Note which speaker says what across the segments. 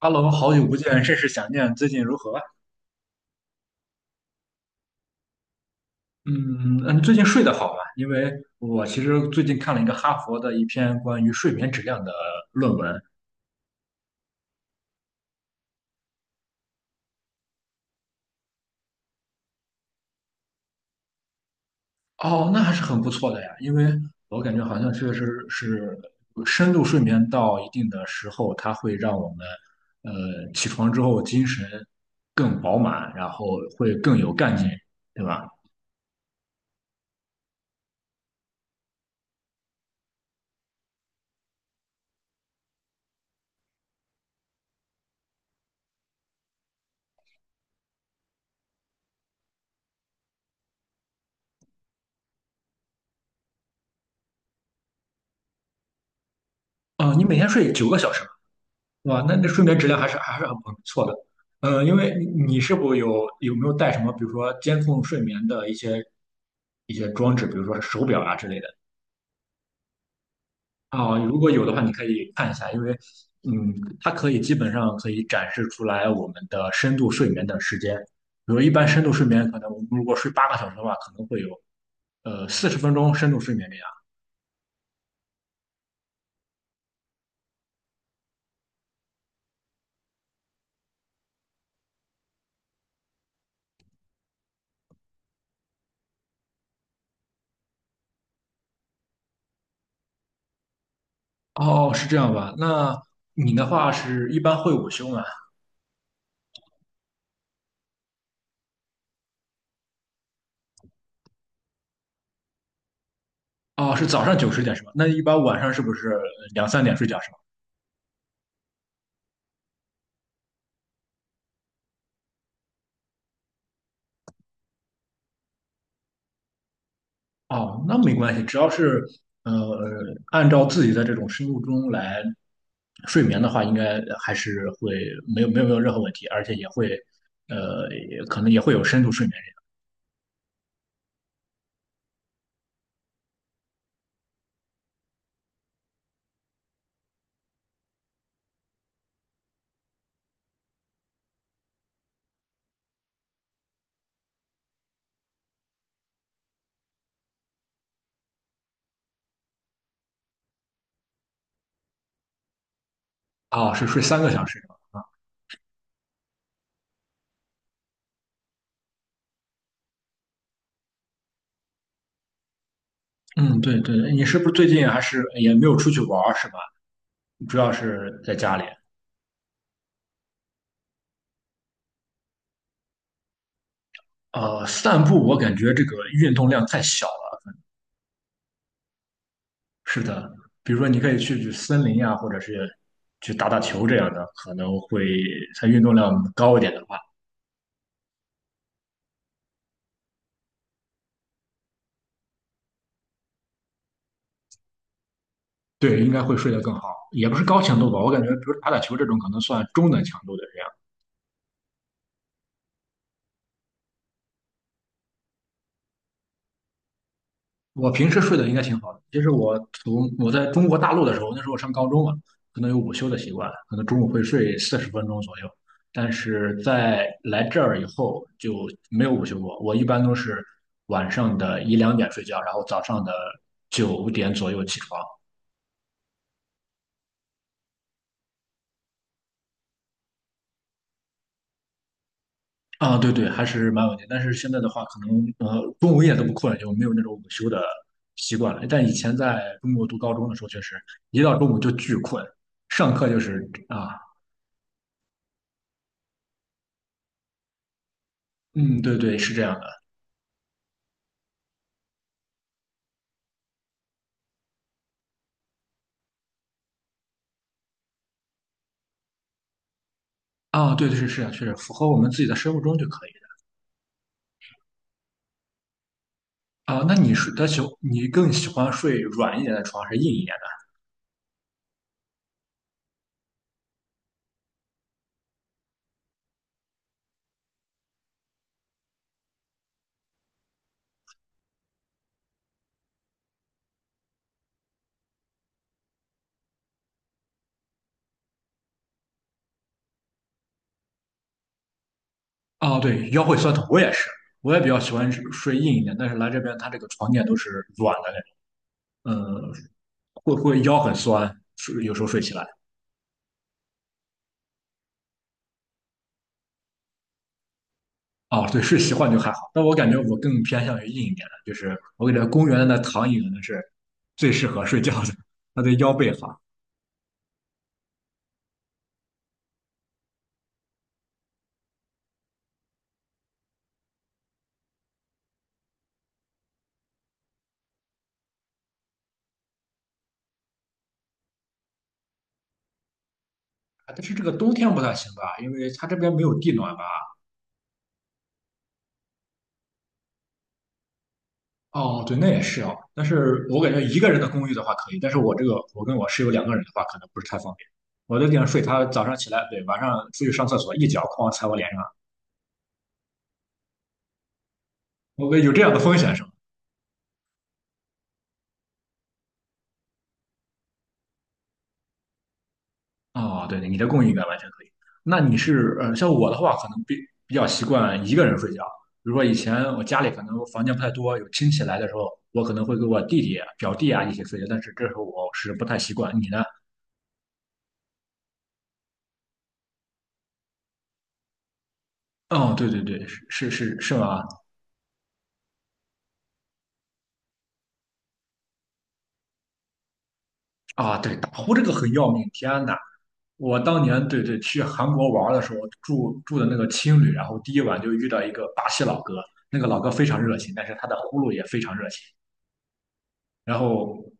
Speaker 1: H E 好久不见，甚是想念。最近如何？嗯嗯，最近睡得好吗？因为我其实最近看了一个哈佛的一篇关于睡眠质量的论文。哦，那还是很不错的呀，因为我感觉好像确实是深度睡眠到一定的时候，它会让我们起床之后精神更饱满，然后会更有干劲，对吧？哦，你每天睡9个小时吗？哇，那睡眠质量还是很不错的。嗯，因为你是否有没有带什么，比如说监控睡眠的一些装置，比如说是手表啊之类的啊？如果有的话，你可以看一下，因为嗯，它可以基本上可以展示出来我们的深度睡眠的时间。比如一般深度睡眠，可能我们如果睡8个小时的话，可能会有四十分钟深度睡眠这样。哦，是这样吧？那你的话是一般会午休吗？哦，是早上九十点是吧？那一般晚上是不是两三点睡觉是吧？哦，那没关系，只要是呃按照自己的这种生物钟来睡眠的话，应该还是会没有任何问题，而且也会也可能也会有深度睡眠。啊，是睡3个小时是吧？嗯，对对，你是不是最近还是也没有出去玩儿是吧？主要是在家里。散步我感觉这个运动量太小是的，比如说你可以去森林呀，或者是去打打球这样的，可能会它运动量高一点的话，对，应该会睡得更好。也不是高强度吧，我感觉比如打打球这种可能算中等强度的这样。我平时睡得应该挺好的，其实我从我在中国大陆的时候，那时候上高中嘛，可能有午休的习惯，可能中午会睡四十分钟左右。但是在来这儿以后就没有午休过，我一般都是晚上的一两点睡觉，然后早上的九点左右起床。啊，对对，还是蛮稳定。但是现在的话，可能中午一点都不困了就没有那种午休的习惯了。但以前在中国读高中的时候，确实一到中午就巨困，上课就是啊，嗯，对对，是这样的啊，对对是是啊，确实符合我们自己的生物钟就可以了啊。那你更喜欢睡软一点的床还是硬一点的？啊，对，腰会酸疼，我也是，我也比较喜欢睡硬一点，但是来这边它这个床垫都是软的那种，会腰很酸，睡有时候睡起来。哦，对，是习惯就还好，但我感觉我更偏向于硬一点的，就是我感觉公园的那躺椅可能是最适合睡觉的，它对腰背好。啊，但是这个冬天不太行吧，因为它这边没有地暖吧？哦，对，那也是哦。但是我感觉一个人的公寓的话可以，但是我这个我跟我室友两个人的话，可能不是太方便。我在地上睡，他早上起来，对，晚上出去上厕所，一脚哐踩我脸上，我有这样的风险是吗？哦，对对，你的供应应该完全可以。那你是像我的话，可能比较习惯一个人睡觉。比如说以前我家里可能房间不太多，有亲戚来的时候，我可能会跟我弟弟啊、表弟啊一起睡觉，但是这时候我是不太习惯。你呢？哦，对对对，是是是是吗？啊，对，打呼这个很要命，天呐，我当年对对去韩国玩儿的时候住的那个青旅，然后第一晚就遇到一个巴西老哥，那个老哥非常热情，但是他的呼噜也非常热情。然后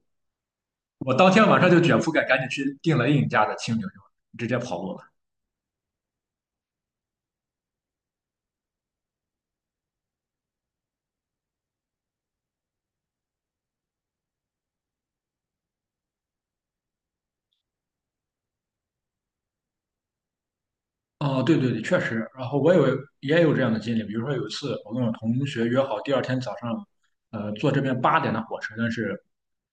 Speaker 1: 我当天晚上就卷铺盖赶紧去订了另一家的青酒，就直接跑路了。哦，对对对，确实。然后我也有这样的经历，比如说有一次我跟我同学约好第二天早上，坐这边8点的火车，但是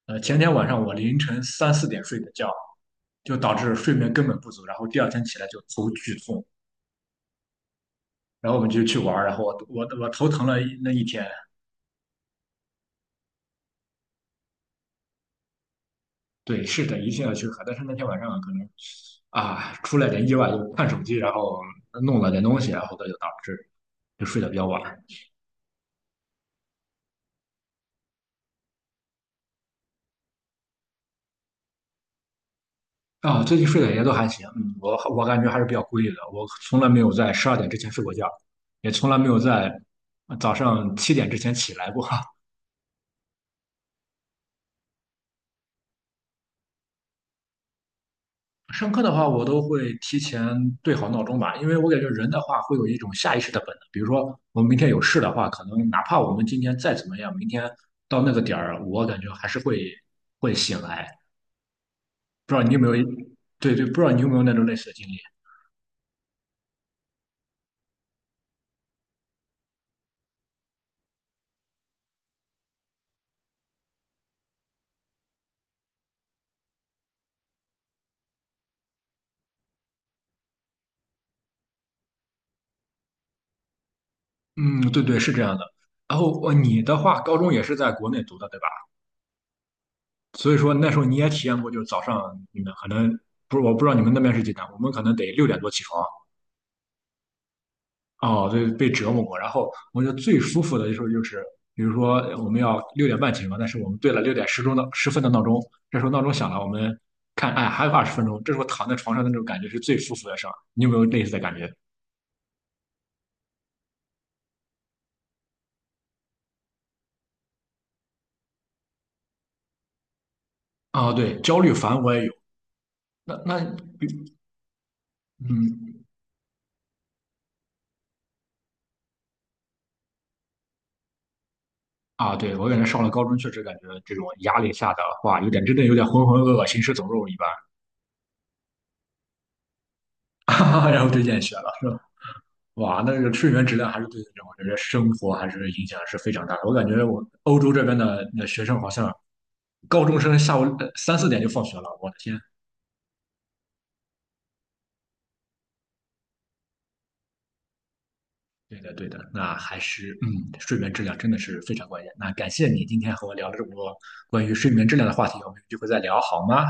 Speaker 1: 前天晚上我凌晨三四点睡的觉，就导致睡眠根本不足，然后第二天起来就头剧痛，然后我们就去玩儿然后我头疼了那一天，对，是的，一定要去喝。但是那天晚上可能出了点意外，就看手机，然后弄了点东西，然后这就导致就睡得比较晚。啊、最近睡得也都还行，嗯，我感觉还是比较规律的。我从来没有在12点之前睡过觉，也从来没有在早上7点之前起来过。上课的话，我都会提前对好闹钟吧，因为我感觉人的话会有一种下意识的本能，比如说我们明天有事的话，可能哪怕我们今天再怎么样，明天到那个点儿，我感觉还是会醒来。不知道你有没有，对对，不知道你有没有那种类似的经历？嗯，对对，是这样的。然后你的话，高中也是在国内读的，对吧？所以说那时候你也体验过，就是早上你们可能不是，我不知道你们那边是几点，我们可能得6点多起床，哦，对，被折磨过。然后我觉得最舒服的时候就是，比如说我们要6点半起床，但是我们对了六点十分的闹钟，这时候闹钟响了，我们看，哎，还有20分钟，这时候躺在床上的那种感觉是最舒服的事儿。你有没有类似的感觉？啊，对，焦虑烦我也有。那那比嗯啊，对我感觉上了高中确实感觉这种压力下的话，有点真的有点浑浑噩噩、行尸走肉一般，然后就厌学了。哇，那这个睡眠质量还是对人我觉得生活还是影响是非常大的。我感觉我欧洲这边的那学生好像高中生下午三四点就放学了，我的天！对的，对的，那还是睡眠质量真的是非常关键。那感谢你今天和我聊了这么多关于睡眠质量的话题，我们有机会再聊好吗？